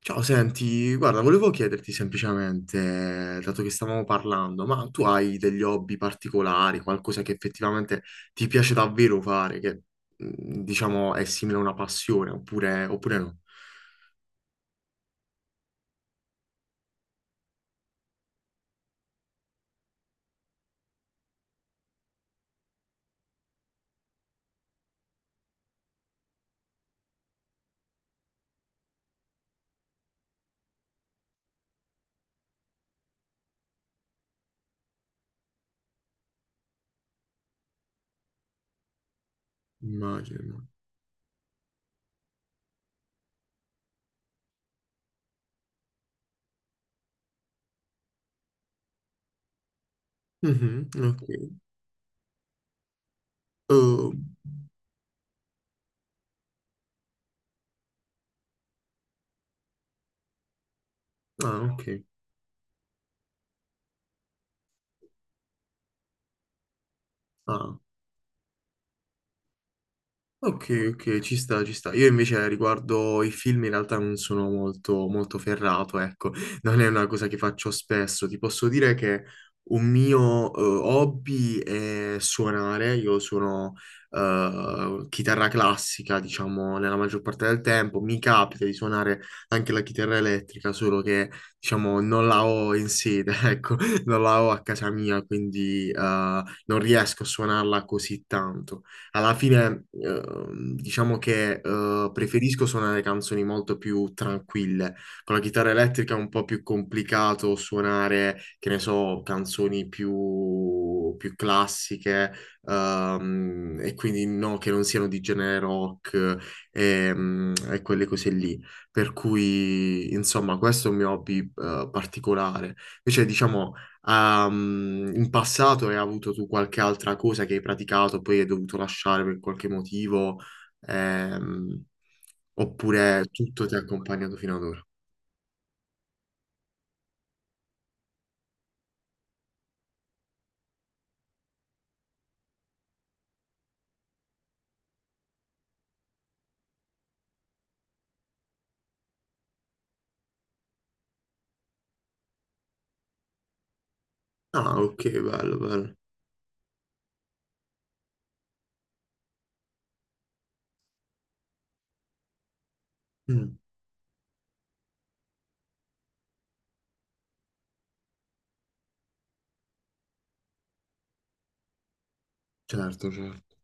Ciao, senti, guarda, volevo chiederti semplicemente, dato che stavamo parlando, ma tu hai degli hobby particolari, qualcosa che effettivamente ti piace davvero fare, che diciamo è simile a una passione, oppure, oppure no? Immagino. Mhm, ok. Oh, ah, ok. Ah. Ok, ok, ci sta, ci sta. Io invece riguardo i film in realtà non sono molto, molto ferrato, ecco, non è una cosa che faccio spesso. Ti posso dire che un mio hobby è suonare, io suono chitarra classica, diciamo, nella maggior parte del tempo. Mi capita di suonare anche la chitarra elettrica, solo che, diciamo, non la ho in sede, ecco, non la ho a casa mia, quindi non riesco a suonarla così tanto. Alla fine, diciamo che preferisco suonare canzoni molto più tranquille. Con la chitarra elettrica è un po' più complicato suonare, che ne so, canzoni più, più classiche, e quindi no, che non siano di genere rock e, quelle cose lì. Per cui, insomma, questo è un mio hobby particolare. Invece, diciamo. Ah, in passato hai avuto tu qualche altra cosa che hai praticato, poi hai dovuto lasciare per qualche motivo, ehm, oppure tutto ti ha accompagnato fino ad ora? Ah, ok, bello, bello. Mm, certo, certo.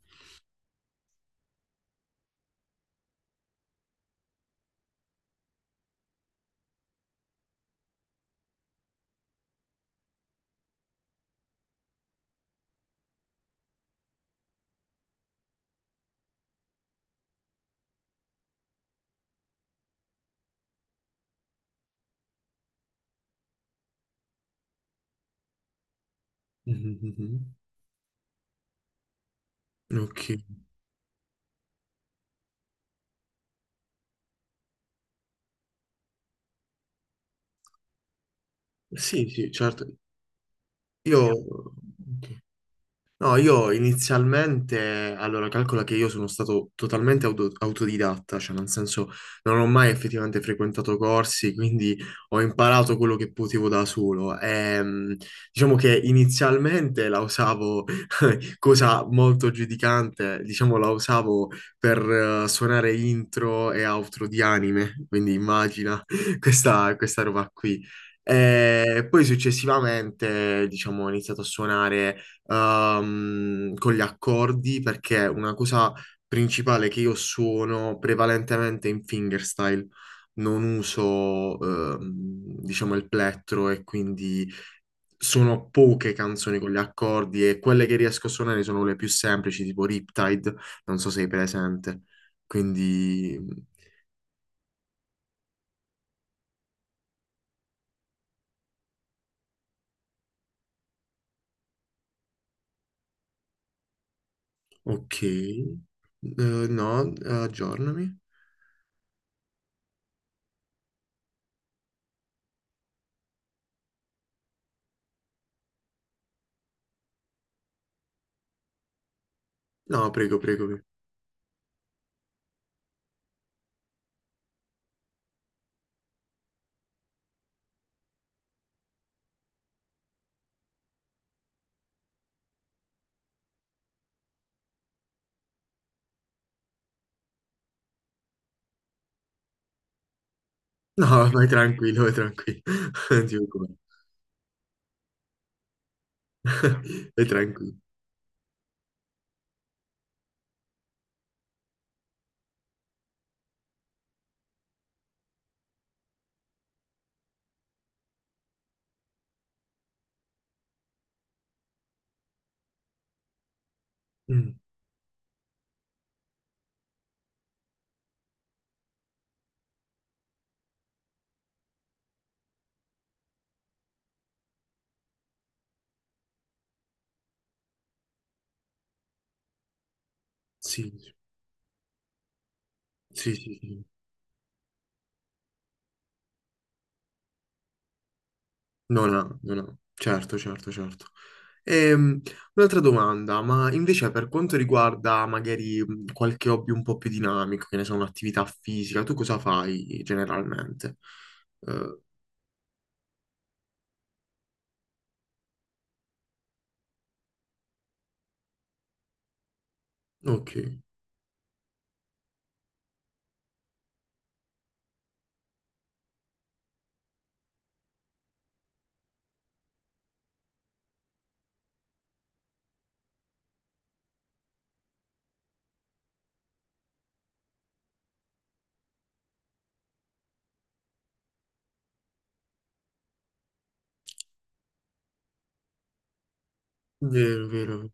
Mhm, mhm, mhm. Ok. Sì, sì, certo. Io... ok. No, io inizialmente, allora calcola che io sono stato totalmente autodidatta, cioè nel senso non ho mai effettivamente frequentato corsi, quindi ho imparato quello che potevo da solo. Diciamo che inizialmente la usavo cosa molto giudicante, diciamo la usavo per suonare intro e outro di anime, quindi immagina questa roba qui. E poi successivamente, diciamo, ho iniziato a suonare con gli accordi perché una cosa principale che io suono prevalentemente in fingerstyle, non uso, diciamo, il plettro e quindi sono poche canzoni con gli accordi e quelle che riesco a suonare sono le più semplici, tipo Riptide, non so se sei presente. Quindi, ok. No, aggiornami. No, prego, prego, prego. No, vai tranquillo, vai tranquillo. Non ti preoccupare. Vai tranquillo. Mm, sì, sì, sì, sì. No, no, no, no. Certo, certo, certo. Ehm, Un'altra domanda, ma invece per quanto riguarda magari qualche hobby un po' più dinamico, che ne so, un'attività fisica, tu cosa fai generalmente? Eh, ok, vero, vero.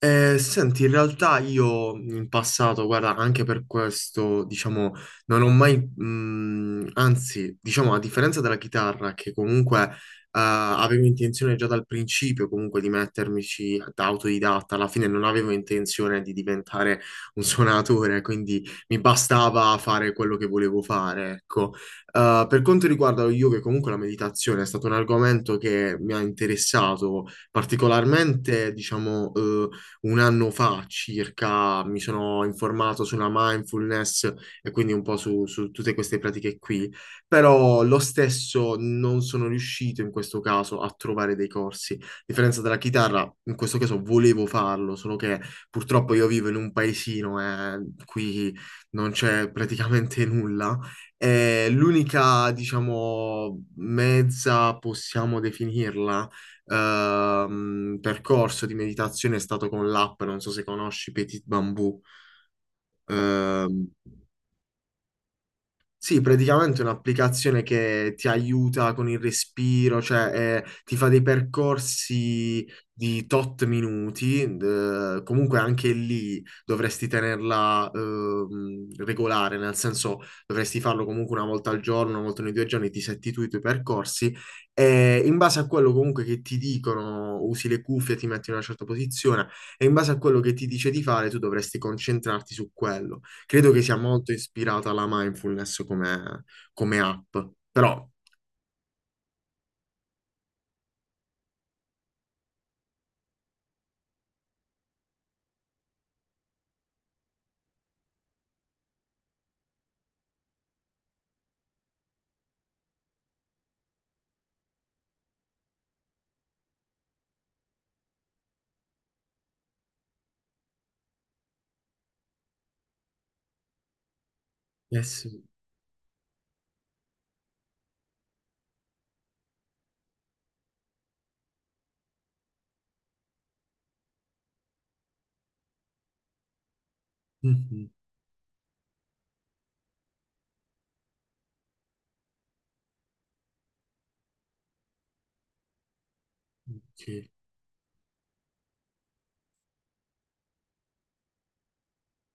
Senti, in realtà io in passato, guarda, anche per questo, diciamo, non ho mai, anzi, diciamo, a differenza della chitarra, che comunque avevo intenzione già dal principio comunque di mettermici da autodidatta, alla fine non avevo intenzione di diventare un suonatore, quindi mi bastava fare quello che volevo fare, ecco. Per quanto riguarda lo yoga, comunque la meditazione è stato un argomento che mi ha interessato particolarmente, diciamo, un anno fa circa mi sono informato sulla mindfulness e quindi un po' su, su tutte queste pratiche qui, però lo stesso non sono riuscito in questo caso a trovare dei corsi. A differenza della chitarra, in questo caso volevo farlo, solo che purtroppo io vivo in un paesino e qui non c'è praticamente nulla. L'unica, diciamo, mezza possiamo definirla percorso di meditazione è stato con l'app, non so se conosci Petit Bamboo. No. Sì, praticamente è un'applicazione che ti aiuta con il respiro, cioè ti fa dei percorsi di tot minuti, comunque anche lì dovresti tenerla regolare, nel senso dovresti farlo comunque una volta al giorno, una volta ogni due giorni, ti setti tu i tuoi percorsi e in base a quello comunque che ti dicono, usi le cuffie, ti metti in una certa posizione e in base a quello che ti dice di fare tu dovresti concentrarti su quello. Credo che sia molto ispirata alla mindfulness come, come app, però... Eh sì. Mhm. Ok.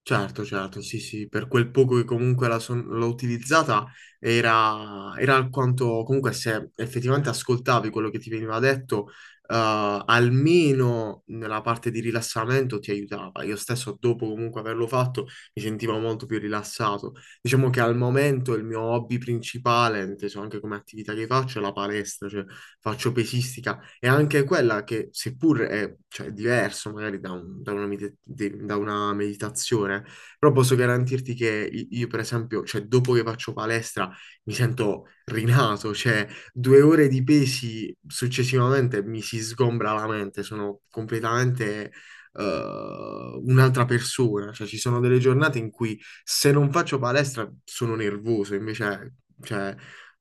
Certo, certo, sì, sì, per quel poco che comunque la l'ho utilizzata era, era alquanto, comunque se effettivamente ascoltavi quello che ti veniva detto, almeno nella parte di rilassamento ti aiutava. Io stesso dopo comunque averlo fatto mi sentivo molto più rilassato. Diciamo che al momento il mio hobby principale, inteso anche come attività che faccio, è la palestra, cioè faccio pesistica è anche quella che, seppur è, cioè, è diverso magari da, da una da una meditazione, però posso garantirti che io, per esempio, cioè, dopo che faccio palestra mi sento rinato, cioè due ore di pesi successivamente mi si sgombra la mente, sono completamente... un'altra persona, cioè ci sono delle giornate in cui se non faccio palestra sono nervoso, invece cioè,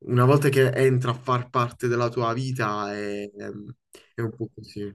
una volta che entra a far parte della tua vita è un po' così.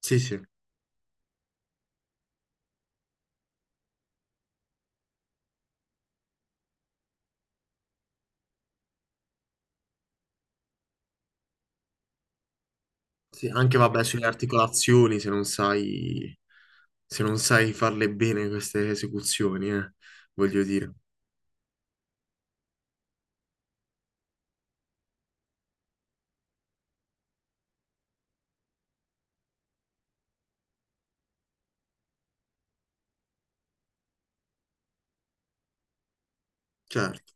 Sì, sì. Sì, anche vabbè sulle articolazioni se non sai, se non sai farle bene queste esecuzioni, voglio dire. Certo.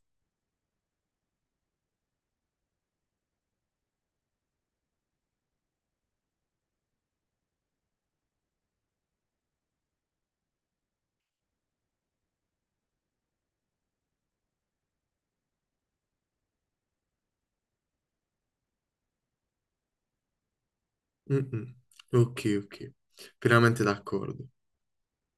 Mm, mm. Ok, ok. Pienamente d'accordo.